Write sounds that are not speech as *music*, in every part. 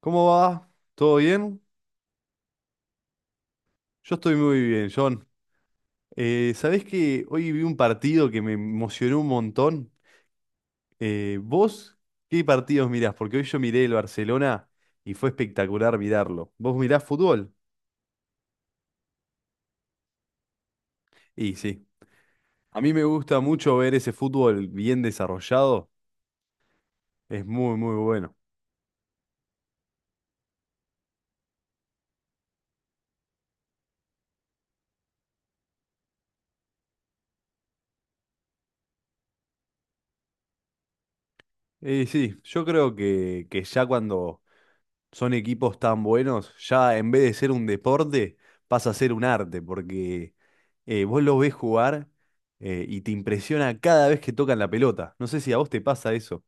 ¿Cómo va? ¿Todo bien? Yo estoy muy bien, John. ¿Sabés que hoy vi un partido que me emocionó un montón? ¿Vos qué partidos mirás? Porque hoy yo miré el Barcelona y fue espectacular mirarlo. ¿Vos mirás fútbol? Y sí, a mí me gusta mucho ver ese fútbol bien desarrollado. Es muy, muy bueno. Y sí, yo creo que ya cuando son equipos tan buenos, ya en vez de ser un deporte, pasa a ser un arte, porque vos los ves jugar, y te impresiona cada vez que tocan la pelota. No sé si a vos te pasa eso.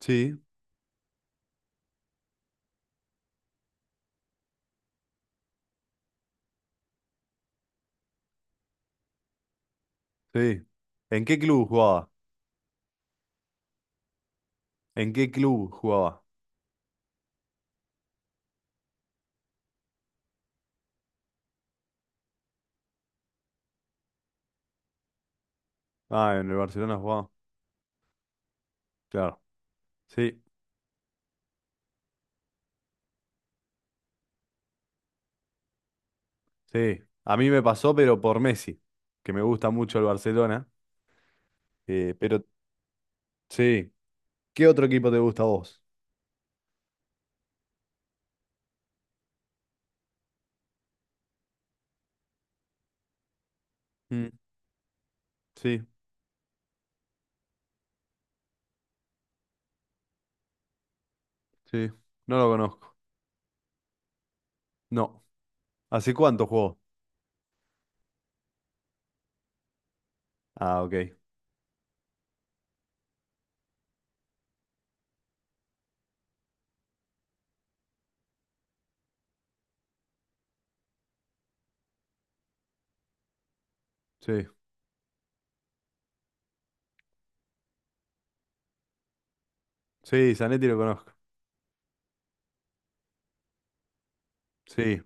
Sí, sí. ¿En qué club jugaba? ¿En qué club jugaba? Ah, en el Barcelona jugaba. Claro. Sí, sí. A mí me pasó, pero por Messi, que me gusta mucho el Barcelona. Pero sí. ¿Qué otro equipo te gusta a vos? Mm, sí, sí. No lo conozco. No. ¿Hace cuánto jugó? Ah, ok. Sí. Sí, Zanetti lo conozco. Sí.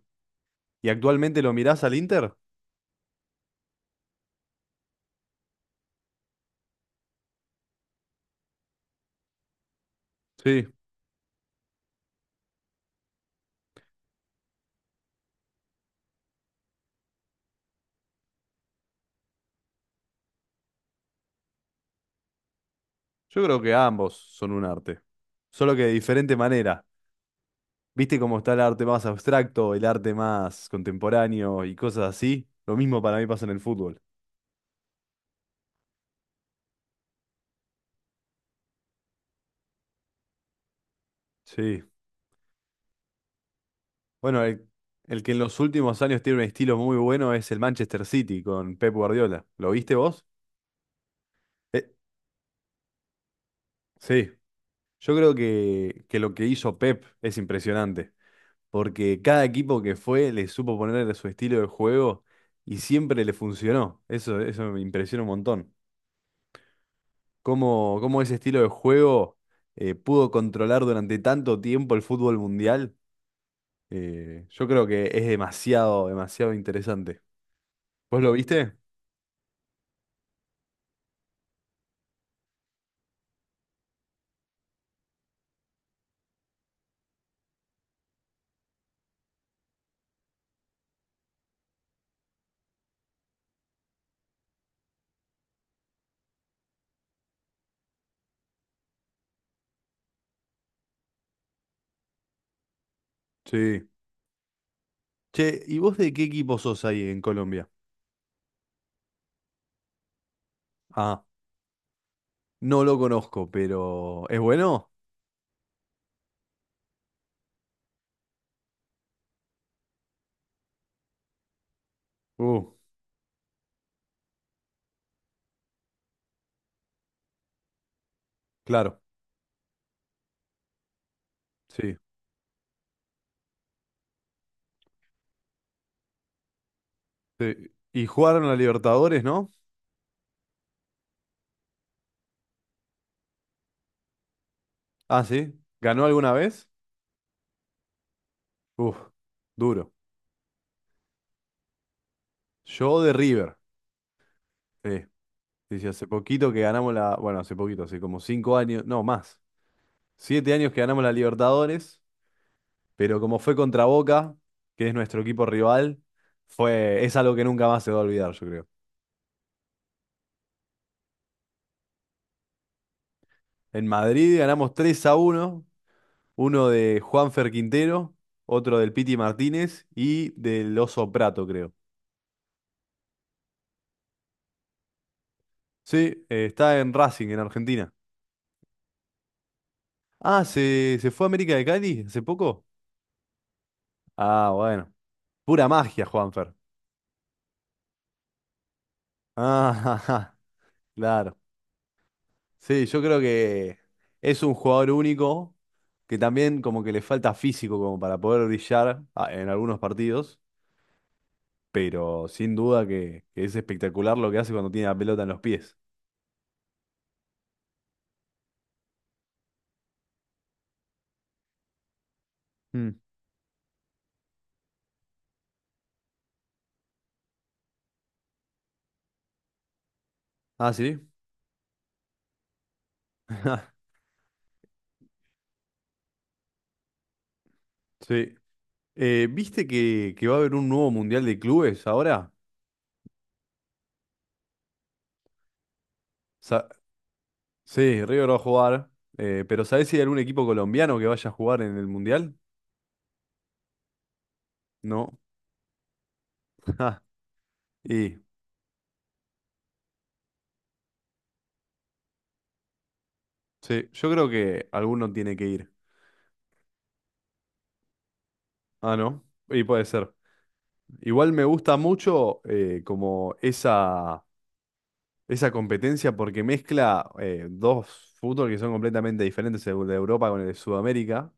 ¿Y actualmente lo mirás al Inter? Sí. Yo creo que ambos son un arte. Solo que de diferente manera. ¿Viste cómo está el arte más abstracto, el arte más contemporáneo y cosas así? Lo mismo para mí pasa en el fútbol. Sí. Bueno, el que en los últimos años tiene un estilo muy bueno es el Manchester City con Pep Guardiola. ¿Lo viste vos? Eh, sí. Yo creo que lo que hizo Pep es impresionante. Porque cada equipo que fue le supo ponerle su estilo de juego y siempre le funcionó. Eso me impresiona un montón. Cómo ese estilo de juego pudo controlar durante tanto tiempo el fútbol mundial. Yo creo que es demasiado, demasiado interesante. ¿Vos lo viste? Sí. Che, ¿y vos de qué equipo sos ahí en Colombia? Ah, no lo conozco, pero ¿es bueno? Uh, claro, sí. Sí. Y jugaron a Libertadores, ¿no? Ah, sí. ¿Ganó alguna vez? Uf, duro. Yo de River. Sí, sí, sí, hace poquito que ganamos la. Bueno, hace poquito, hace como 5 años. No, más. 7 años que ganamos la Libertadores. Pero como fue contra Boca, que es nuestro equipo rival, fue, es algo que nunca más se va a olvidar, yo creo. En Madrid ganamos 3-1. Uno de Juanfer Quintero, otro del Piti Martínez y del Oso Prato, creo. Sí, está en Racing, en Argentina. Ah, ¿se, se fue a América de Cali hace poco? Ah, bueno. Pura magia, Juanfer. *laughs* Ah, ajá, claro. Sí, yo creo que es un jugador único que también como que le falta físico como para poder brillar, ah, en algunos partidos, pero sin duda que es espectacular lo que hace cuando tiene la pelota en los pies. Mm. Ah, sí. *laughs* Sí. ¿Viste que va a haber un nuevo Mundial de Clubes ahora? Sa- sí, River va a jugar, pero ¿sabés si hay algún equipo colombiano que vaya a jugar en el Mundial? No. *laughs* Ah, y sí, yo creo que alguno tiene que ir. Ah, ¿no? Y puede ser. Igual me gusta mucho, como esa competencia porque mezcla, dos fútbol que son completamente diferentes, el de Europa con el de Sudamérica,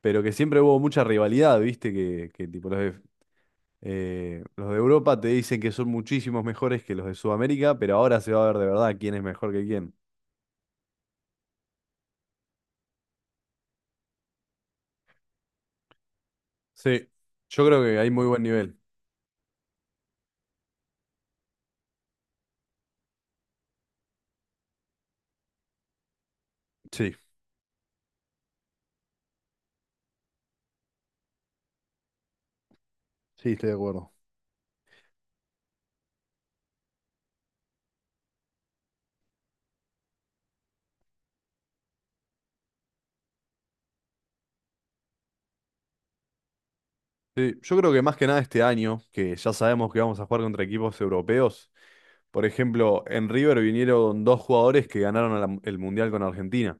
pero que siempre hubo mucha rivalidad, ¿viste? Que tipo los de Europa te dicen que son muchísimos mejores que los de Sudamérica, pero ahora se va a ver de verdad quién es mejor que quién. Sí, yo creo que hay muy buen nivel. Sí. Sí, estoy de acuerdo. Sí, yo creo que más que nada este año, que ya sabemos que vamos a jugar contra equipos europeos. Por ejemplo, en River vinieron dos jugadores que ganaron el Mundial con Argentina,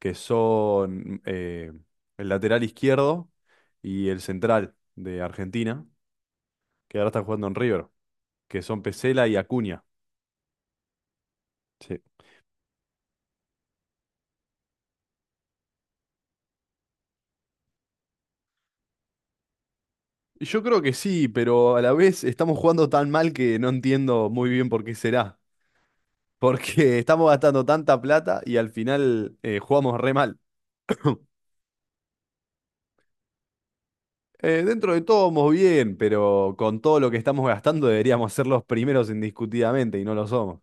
que son, el lateral izquierdo y el central de Argentina, que ahora están jugando en River, que son Pesela y Acuña. Sí. Y yo creo que sí, pero a la vez estamos jugando tan mal que no entiendo muy bien por qué será. Porque *laughs* estamos gastando tanta plata y al final, jugamos re mal. Dentro de todo vamos bien, pero con todo lo que estamos gastando deberíamos ser los primeros indiscutidamente y no lo somos.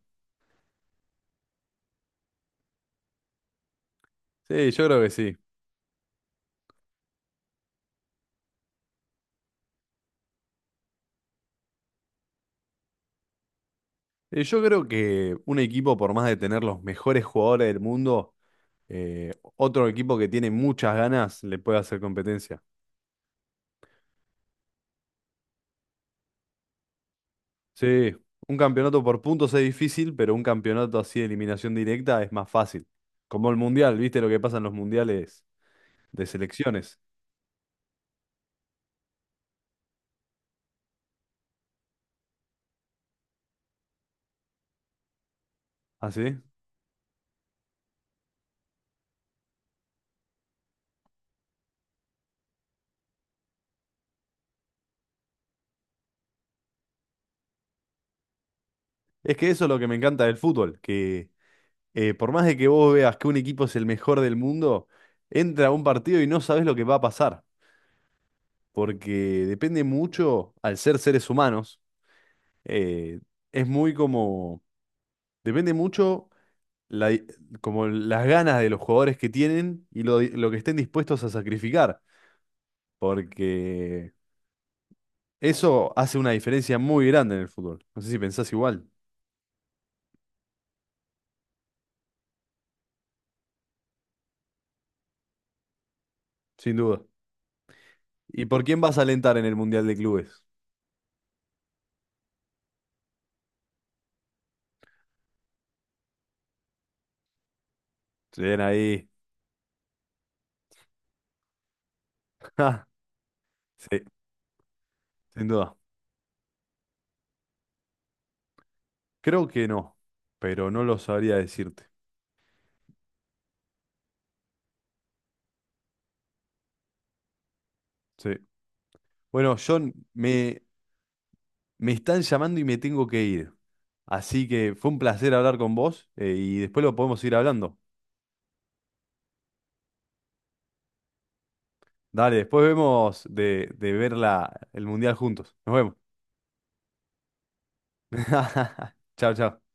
Sí, yo creo que sí. Yo creo que un equipo, por más de tener los mejores jugadores del mundo, otro equipo que tiene muchas ganas le puede hacer competencia. Sí, un campeonato por puntos es difícil, pero un campeonato así de eliminación directa es más fácil. Como el mundial, ¿viste lo que pasa en los mundiales de selecciones? ¿Así? Es que eso es lo que me encanta del fútbol, que por más de que vos veas que un equipo es el mejor del mundo, entra a un partido y no sabes lo que va a pasar, porque depende mucho, al ser seres humanos, eh, es muy como, depende mucho la di- como las ganas de los jugadores que tienen y lo que estén dispuestos a sacrificar, porque eso hace una diferencia muy grande en el fútbol. No sé si pensás igual, sin duda. ¿Y por quién vas a alentar en el Mundial de Clubes? Se ven ahí. *laughs* Ja, sí, sin duda. Creo que no, pero no lo sabría decirte. Sí. Bueno, John, me están llamando y me tengo que ir. Así que fue un placer hablar con vos, y después lo podemos ir hablando. Dale, después vemos de ver la, el mundial juntos. Nos vemos. *laughs* Chao, chao.